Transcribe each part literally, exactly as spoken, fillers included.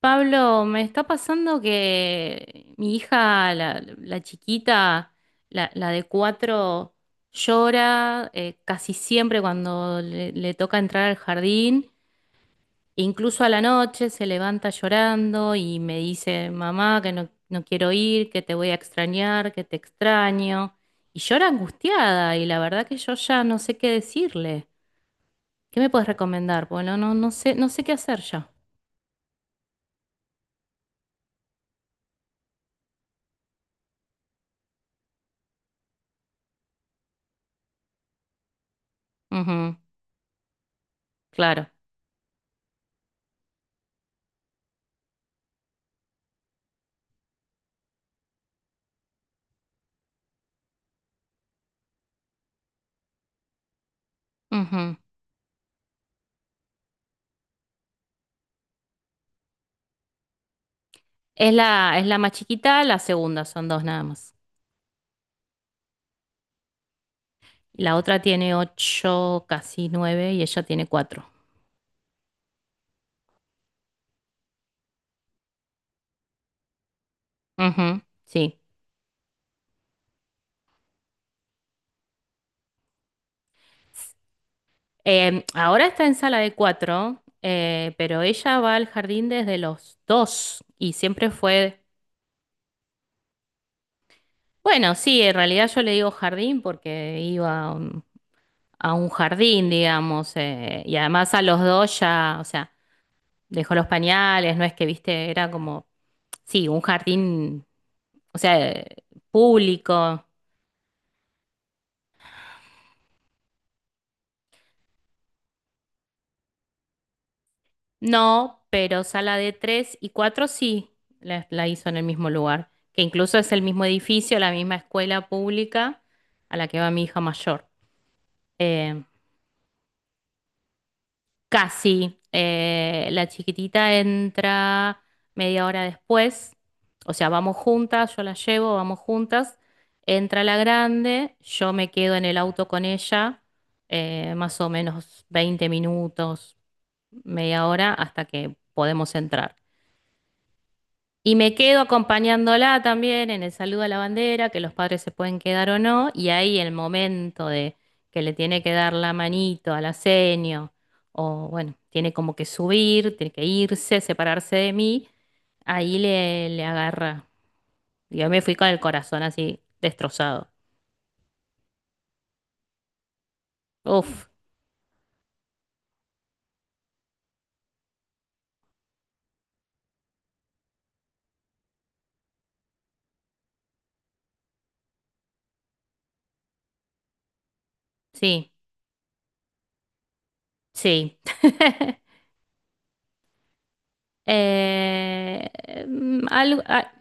Pablo, me está pasando que mi hija, la, la chiquita, la, la de cuatro, llora eh, casi siempre cuando le, le toca entrar al jardín, incluso a la noche se levanta llorando y me dice, mamá, que no, no quiero ir, que te voy a extrañar, que te extraño. Y llora angustiada y la verdad que yo ya no sé qué decirle. ¿Qué me puedes recomendar? Bueno, no, no sé, no sé qué hacer ya. Ujú, claro. Ujú. Es la, es la más chiquita, la segunda, son dos nada más. La otra tiene ocho, casi nueve, y ella tiene cuatro. Ujú, sí. Em, ahora está en sala de cuatro, eh, pero ella va al jardín desde los dos y siempre fue, bueno, sí, en realidad yo le digo jardín porque iba a un, a un jardín, digamos, eh, y además a los dos ya, o sea, dejó los pañales, no es que, viste, era como sí, un jardín, o sea, eh, público. No, pero sala de tres y cuatro sí la, la hizo en el mismo lugar, que incluso es el mismo edificio, la misma escuela pública a la que va mi hija mayor. Eh, Casi, eh, la chiquitita entra media hora después, o sea, vamos juntas, yo la llevo, vamos juntas, entra la grande, yo me quedo en el auto con ella, eh, más o menos veinte minutos media hora hasta que podemos entrar. Y me quedo acompañándola también en el saludo a la bandera, que los padres se pueden quedar o no, y ahí el momento de que le tiene que dar la manito al asenio, o bueno, tiene como que subir, tiene que irse, separarse de mí, ahí le, le agarra. Yo me fui con el corazón así destrozado. Uf, sí, sí. Eh, mm, algo- ah,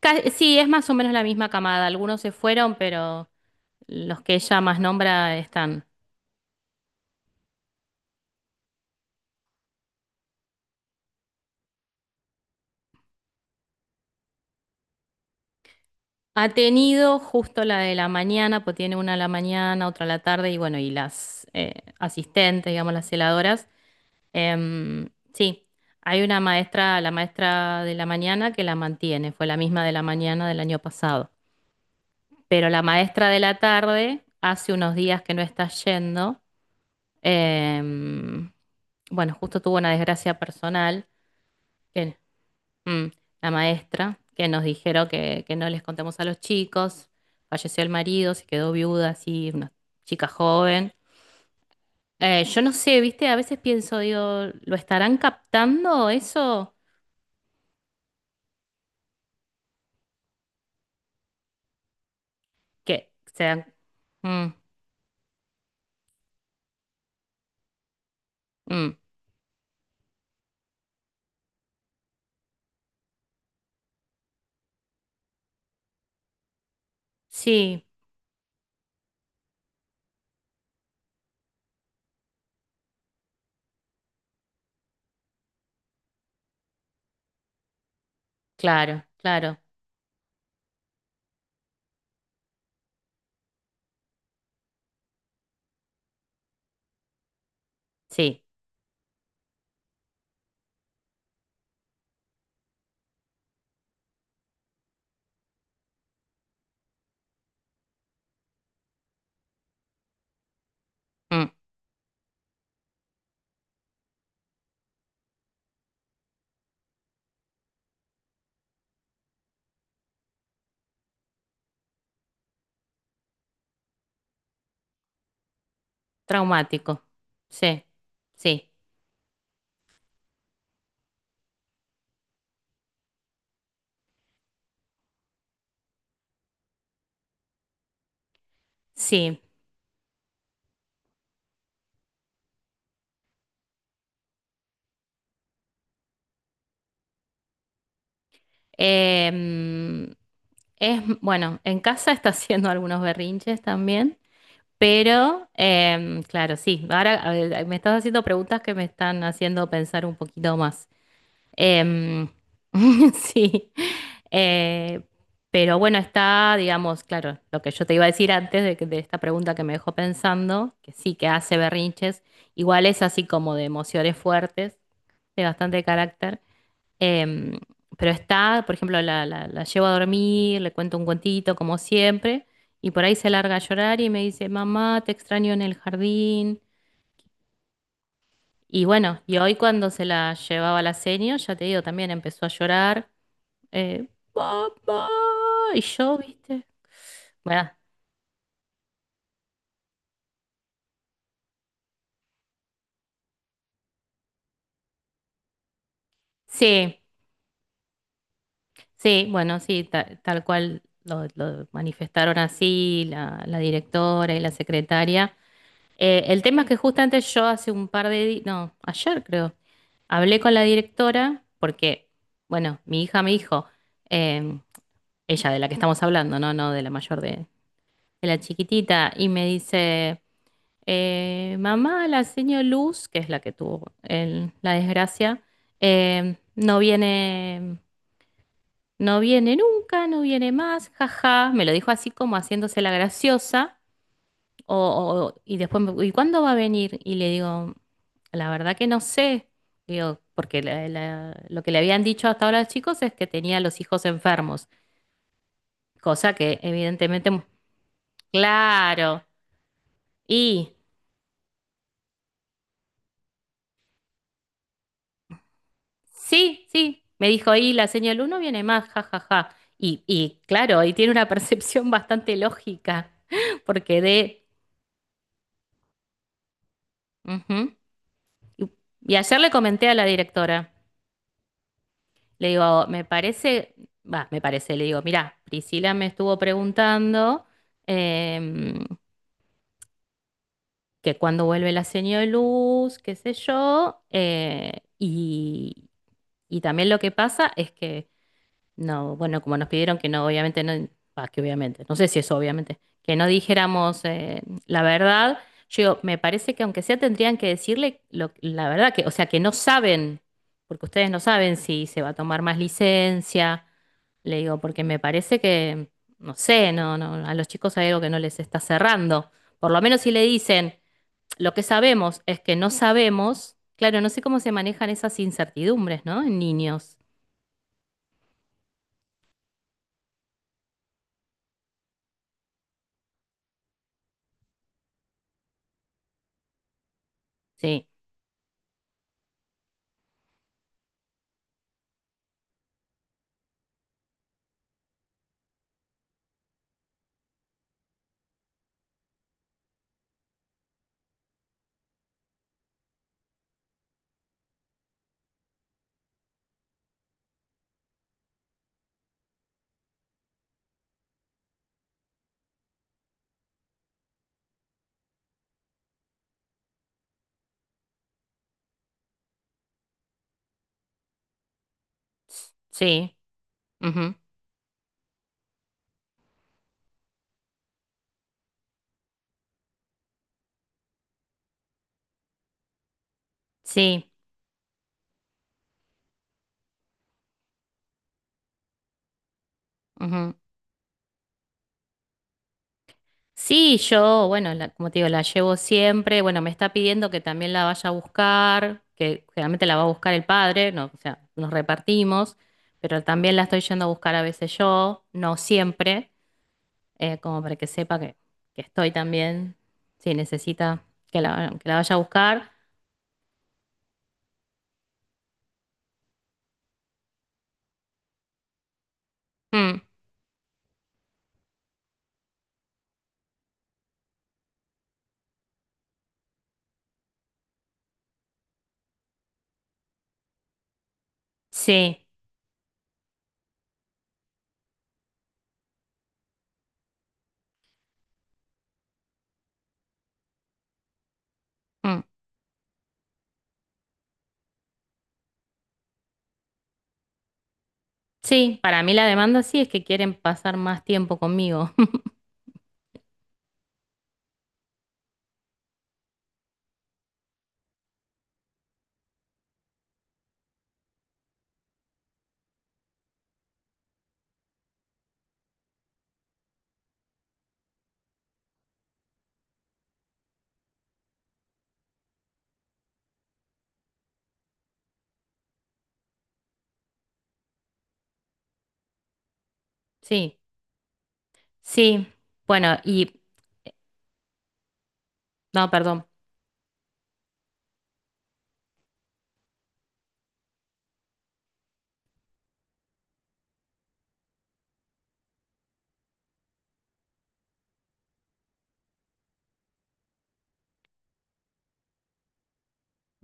Ca- sí, es más o menos la misma camada. Algunos se fueron, pero los que ella más nombra están. Ha tenido justo la de la mañana, pues tiene una a la mañana, otra a la tarde y bueno, y las eh, asistentes, digamos, las celadoras. Em, sí, hay una maestra, la maestra de la mañana que la mantiene, fue la misma de la mañana del año pasado. Pero la maestra de la tarde hace unos días que no está yendo. em, bueno, justo tuvo una desgracia personal. que Mm, la maestra que nos dijeron que, que no les contemos a los chicos, falleció el marido, se quedó viuda, así, una chica joven. Eh, yo no sé, viste, a veces pienso, digo, ¿lo estarán captando eso? Que sean... Mm, mm, sí, claro, claro, sí, mm, traumático, sí, sí, sí. Em, es, bueno, en casa está haciendo algunos berrinches también. Pero, em, claro, sí, ahora a ver, me estás haciendo preguntas que me están haciendo pensar un poquito más. Em, sí, eh, pero bueno, está, digamos, claro, lo que yo te iba a decir antes de, que- de esta pregunta que me dejó pensando, que sí, que hace berrinches, igual es así como de emociones fuertes, de bastante carácter. Em, pero está, por ejemplo, la, la- la llevo a dormir, le cuento un cuentito como siempre, y por ahí se larga a llorar y me dice, mamá, te extraño en el jardín. Y bueno, y hoy cuando se la llevaba a la seño, ya te digo, también empezó a llorar, eh, papá, y yo, viste. Bueno, sí, sí, bueno, sí, ta- tal cual lo, lo manifestaron así la, la directora y la secretaria. Eh, el tema es que justamente yo hace un par de días, no, ayer creo. Hablé con la directora porque, bueno, mi hija me dijo, em, ella de la que estamos hablando, no, no de la mayor de, de la chiquitita, y me dice, eh, mamá, la señora Luz, que es la que tuvo el- la desgracia, em, no viene, no viene nunca, no viene más, jaja. Me lo dijo así como haciéndose la graciosa, o, o- y después, me- ¿y cuándo va a venir? Y le digo, la verdad que no sé, digo, porque la- la- lo que le habían dicho hasta ahora a los chicos es que tenía los hijos enfermos, cosa que evidentemente, mu- claro, y sí, sí, me dijo, y la señal uno viene más, ja, ja, ja. Y, y claro, y tiene una percepción bastante lógica, porque de... Ujú. Y, y ayer le comenté a la directora, le digo, me parece, va, me parece, le digo, mirá, Priscila me estuvo preguntando. em, que cuando vuelve la señal de luz, qué sé yo, eh, y, y también lo que pasa es que, no, bueno, como nos pidieron que no, obviamente no, ah, que obviamente, no sé si eso obviamente, que no dijéramos eh, la verdad, yo digo, me parece que aunque sea tendrían que decirle lo- la verdad, que, o sea, que no saben, porque ustedes no saben si se va a tomar más licencia, le digo, porque me parece que, no sé, no, no, a los chicos hay algo que no les está cerrando. Por lo menos si le dicen, lo que sabemos es que no sabemos, claro, no sé cómo se manejan esas incertidumbres, ¿no? En niños. Sí, sí, ujú, sí, ujú. Sí, yo, bueno, la- como te digo, la llevo siempre. Bueno, me está pidiendo que también la vaya a buscar, que generalmente la va a buscar el padre, no, o sea, nos repartimos, pero también la estoy yendo a buscar a veces yo, no siempre, eh, como para que sepa que, que estoy también, si necesita que la, que la vaya a buscar. Mm, sí. Mm. Sí, para mí la demanda sí es que quieren pasar más tiempo conmigo. Sí, sí. Bueno, y... No, perdón.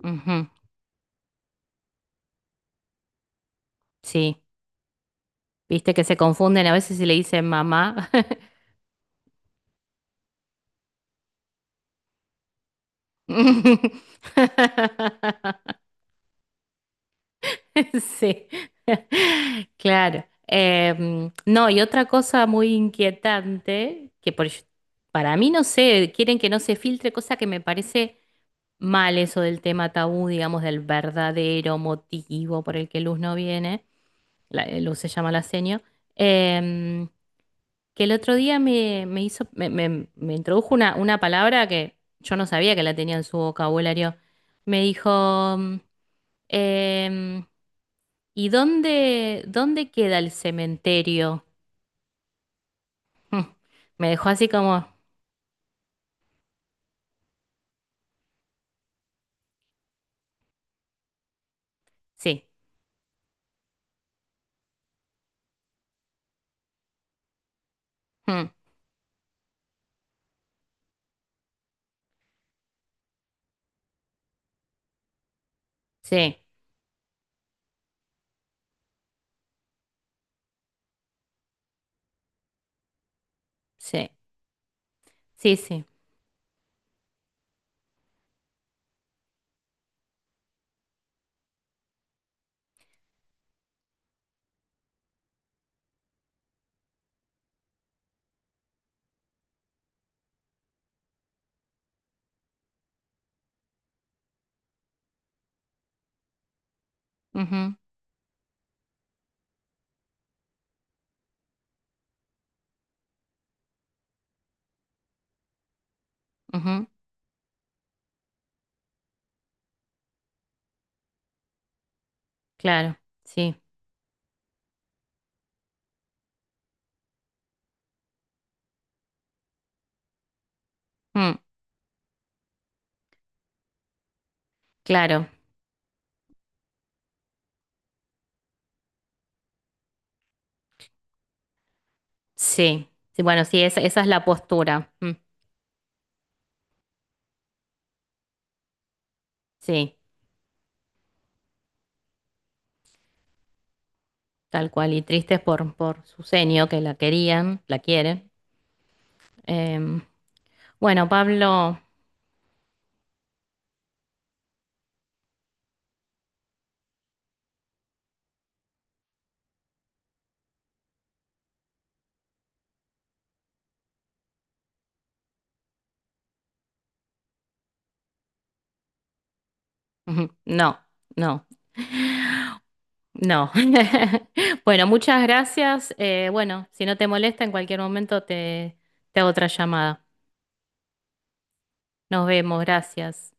Ujú, sí, viste que se confunden a veces si le dicen mamá. Sí, claro. Em, no, y otra cosa muy inquietante, que por, para mí no sé, quieren que no se filtre, cosa que me parece mal eso del tema tabú, digamos, del verdadero motivo por el que Luz no viene. la- eh, Luz se llama la seño, em, que el otro día me, me hizo, me, me- me introdujo una, una palabra que yo no sabía que la tenía en su vocabulario. Me dijo, mm, em, ¿y dónde, dónde queda el cementerio? Mm. Me dejó así como, sí, mm, sí, sí, sí, sí, ujú, ujú, claro, sí, mm, claro, sí. Sí, bueno, sí, esa, esa es la postura. Mm, sí. Tal cual, y tristes por, por su senio, que la querían, la quieren. Em, bueno, Pablo, ujú, no, no, no. Bueno, muchas gracias. Eh, bueno, si no te molesta, en cualquier momento te, te hago otra llamada. Nos vemos, gracias.